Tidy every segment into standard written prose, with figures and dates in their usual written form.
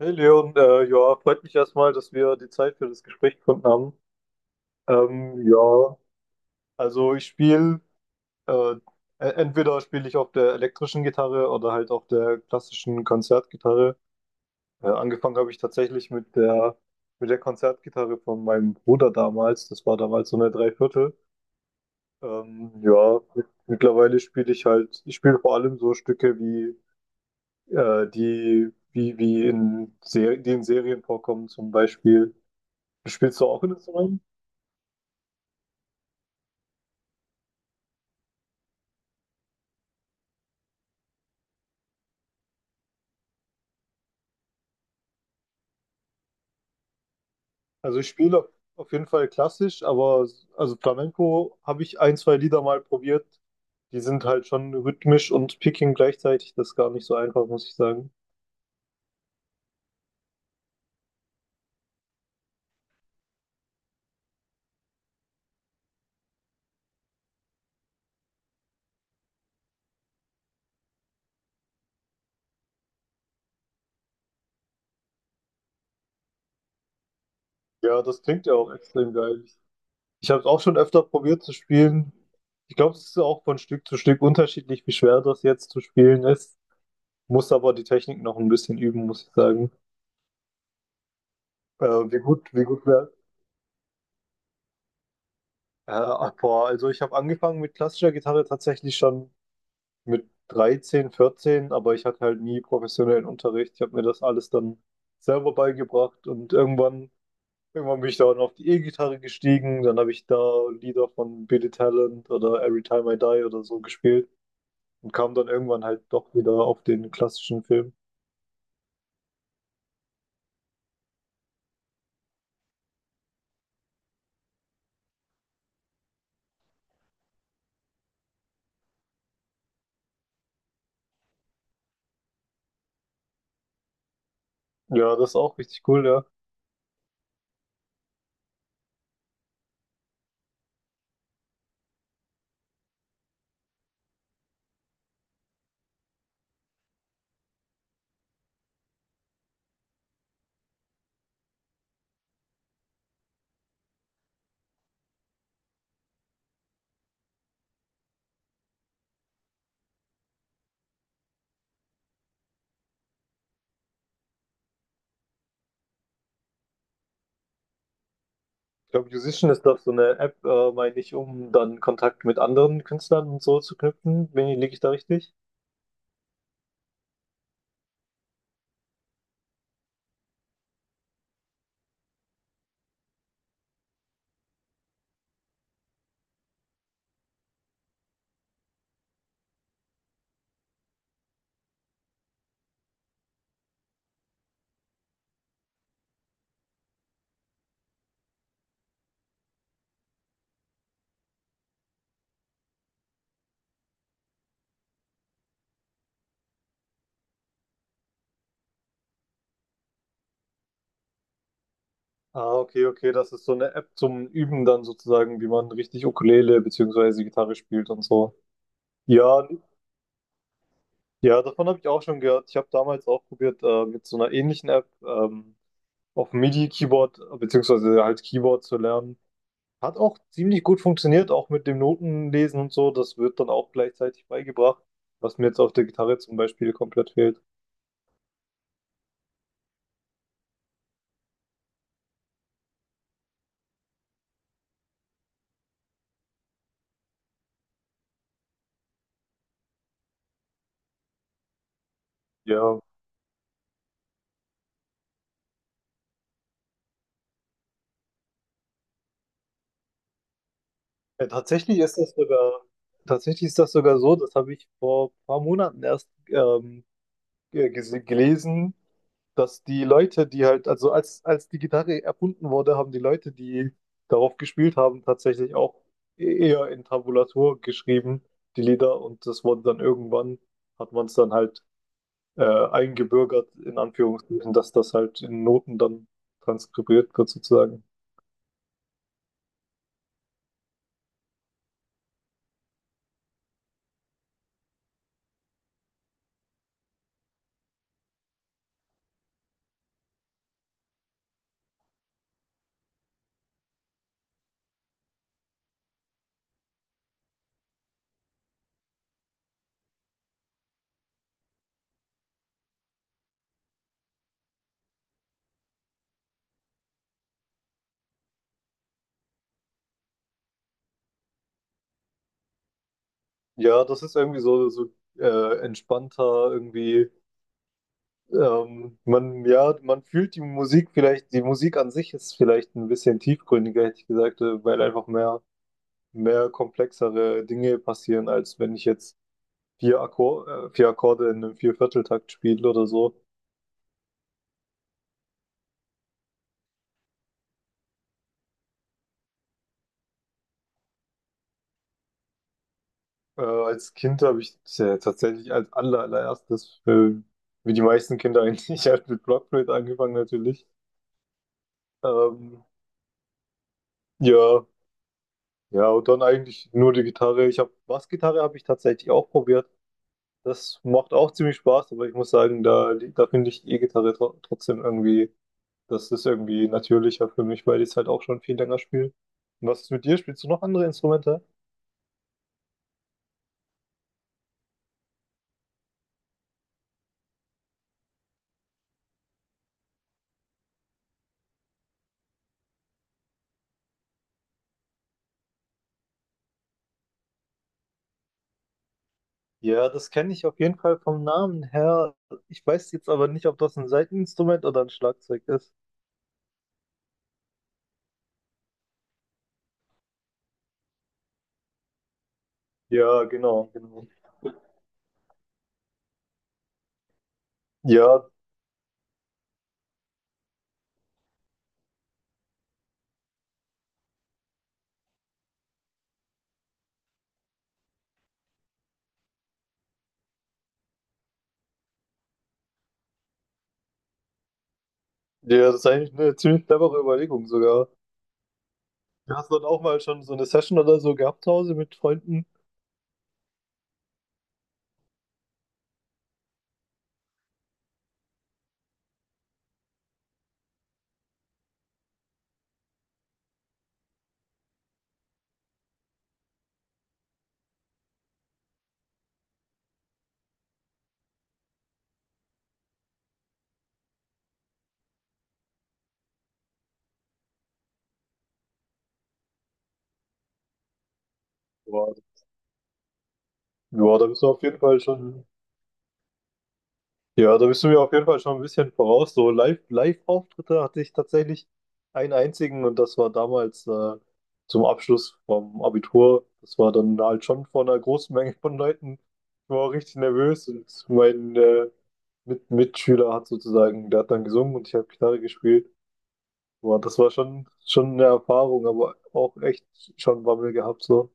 Hey Leon, ja, freut mich erstmal, dass wir die Zeit für das Gespräch gefunden haben. Ja, also ich äh, e- entweder spiele ich auf der elektrischen Gitarre oder halt auf der klassischen Konzertgitarre. Angefangen habe ich tatsächlich mit der Konzertgitarre von meinem Bruder damals. Das war damals so eine Dreiviertel. Ja, mittlerweile ich spiele vor allem so Stücke wie, die, wie, wie in Ser die in Serien vorkommen zum Beispiel. Spielst du auch in Instrument? Also ich spiele auf jeden Fall klassisch, aber also Flamenco habe ich ein, zwei Lieder mal probiert. Die sind halt schon rhythmisch und picking gleichzeitig. Das ist gar nicht so einfach, muss ich sagen. Ja, das klingt ja auch extrem geil. Ich habe es auch schon öfter probiert zu spielen. Ich glaube, es ist auch von Stück zu Stück unterschiedlich, wie schwer das jetzt zu spielen ist. Muss aber die Technik noch ein bisschen üben, muss ich sagen. Äh, wie gut wäre. Boah, also ich habe angefangen mit klassischer Gitarre tatsächlich schon mit 13, 14, aber ich hatte halt nie professionellen Unterricht. Ich habe mir das alles dann selber beigebracht und irgendwann bin ich dann auf die E-Gitarre gestiegen. Dann habe ich da Lieder von Billy Talent oder Every Time I Die oder so gespielt und kam dann irgendwann halt doch wieder auf den klassischen Film. Ja, das ist auch richtig cool, ja. Ich glaube, Musician ist doch so eine App, meine ich, um dann Kontakt mit anderen Künstlern und so zu knüpfen. Wenn, liege ich da richtig? Ah, okay, okay, das ist so eine App zum Üben dann sozusagen, wie man richtig Ukulele beziehungsweise Gitarre spielt und so. Ja, ja, davon habe ich auch schon gehört. Ich habe damals auch probiert, mit so einer ähnlichen App auf MIDI-Keyboard beziehungsweise halt Keyboard zu lernen. Hat auch ziemlich gut funktioniert, auch mit dem Notenlesen und so. Das wird dann auch gleichzeitig beigebracht, was mir jetzt auf der Gitarre zum Beispiel komplett fehlt. Ja, äh, tatsächlich ist das sogar, tatsächlich ist das sogar so, das habe ich vor ein paar Monaten erst gelesen, dass die Leute, die halt, also als, als die Gitarre erfunden wurde, haben die Leute, die darauf gespielt haben, tatsächlich auch eher in Tabulatur geschrieben, die Lieder. Und das wurde hat man es dann halt äh, eingebürgert, in Anführungsstrichen, dass das halt in Noten dann transkribiert wird, sozusagen. Ja, das ist irgendwie so entspannter, irgendwie. Man, ja, man fühlt die Musik vielleicht, die Musik an sich ist vielleicht ein bisschen tiefgründiger, hätte ich gesagt, weil mehr komplexere Dinge passieren, als wenn ich jetzt vier Akkorde in einem Viervierteltakt spiele oder so. Als Kind habe ich tatsächlich allererstes, wie die meisten Kinder eigentlich, halt mit Blockflöte angefangen natürlich. Ähm, ja, ja, und dann eigentlich nur die Gitarre. Ich habe Bassgitarre habe ich tatsächlich auch probiert. Das macht auch ziemlich Spaß, aber ich muss sagen, da finde ich E-Gitarre trotzdem irgendwie, das ist irgendwie natürlicher für mich, weil ich es halt auch schon viel länger spiele. Und was ist mit dir? Spielst du noch andere Instrumente? Ja, das kenne ich auf jeden Fall vom Namen her. Ich weiß jetzt aber nicht, ob das ein Saiteninstrument oder ein Schlagzeug ist. Ja, genau, genau. Ja, ja, das ist eigentlich eine ziemlich clevere Überlegung sogar. Hast du dann auch mal schon so eine Session oder so gehabt zu Hause mit Freunden? Ja, ja, da bist du auf jeden Fall schon Ja, da bist du mir auf jeden Fall schon ein bisschen voraus. So Live-Auftritte hatte ich tatsächlich einen einzigen und das war damals zum Abschluss vom Abitur. Das war dann halt schon vor einer großen Menge von Leuten. Ich war auch richtig nervös und mein Mitschüler hat sozusagen, der hat dann gesungen und ich habe Gitarre gespielt. Boah, das war schon eine Erfahrung, aber auch echt schon Bammel gehabt so.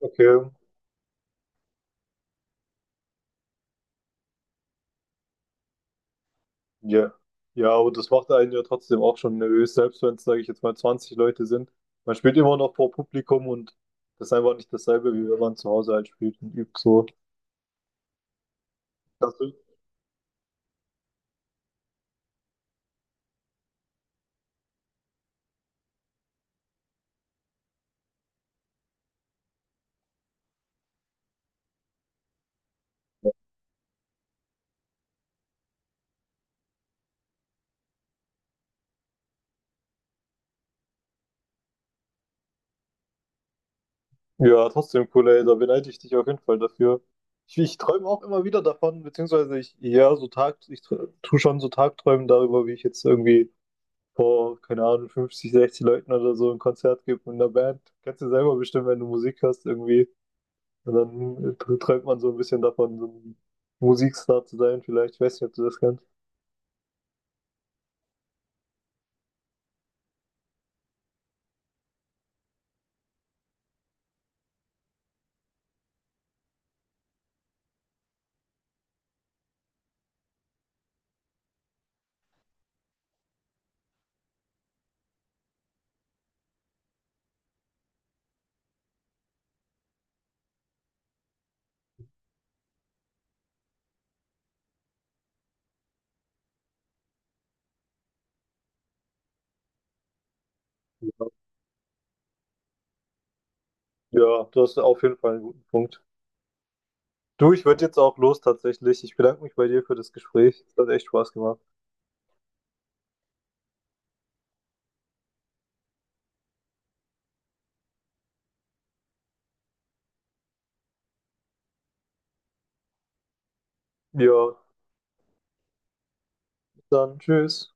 Okay. Ja. Ja, aber das macht einen ja trotzdem auch schon nervös, selbst wenn es, sage ich jetzt mal, 20 Leute sind. Man spielt immer noch vor Publikum und das ist einfach nicht dasselbe, wie wenn man zu Hause halt spielt und übt so. Das ist, ja, trotzdem cool, ey, da beneide ich dich auf jeden Fall dafür. Ich träume auch immer wieder davon, beziehungsweise ich, ja, tu schon so Tagträumen darüber, wie ich jetzt irgendwie vor, keine Ahnung, 50, 60 Leuten oder so ein Konzert gebe mit einer Band. Kennst du selber bestimmt, wenn du Musik hörst, irgendwie. Und dann träumt man so ein bisschen davon, so ein Musikstar zu sein, vielleicht. Ich weiß nicht, ob du das kennst. Ja. Ja, du hast auf jeden Fall einen guten Punkt. Du, ich würde jetzt auch los tatsächlich. Ich bedanke mich bei dir für das Gespräch. Es hat echt Spaß gemacht. Ja, dann tschüss.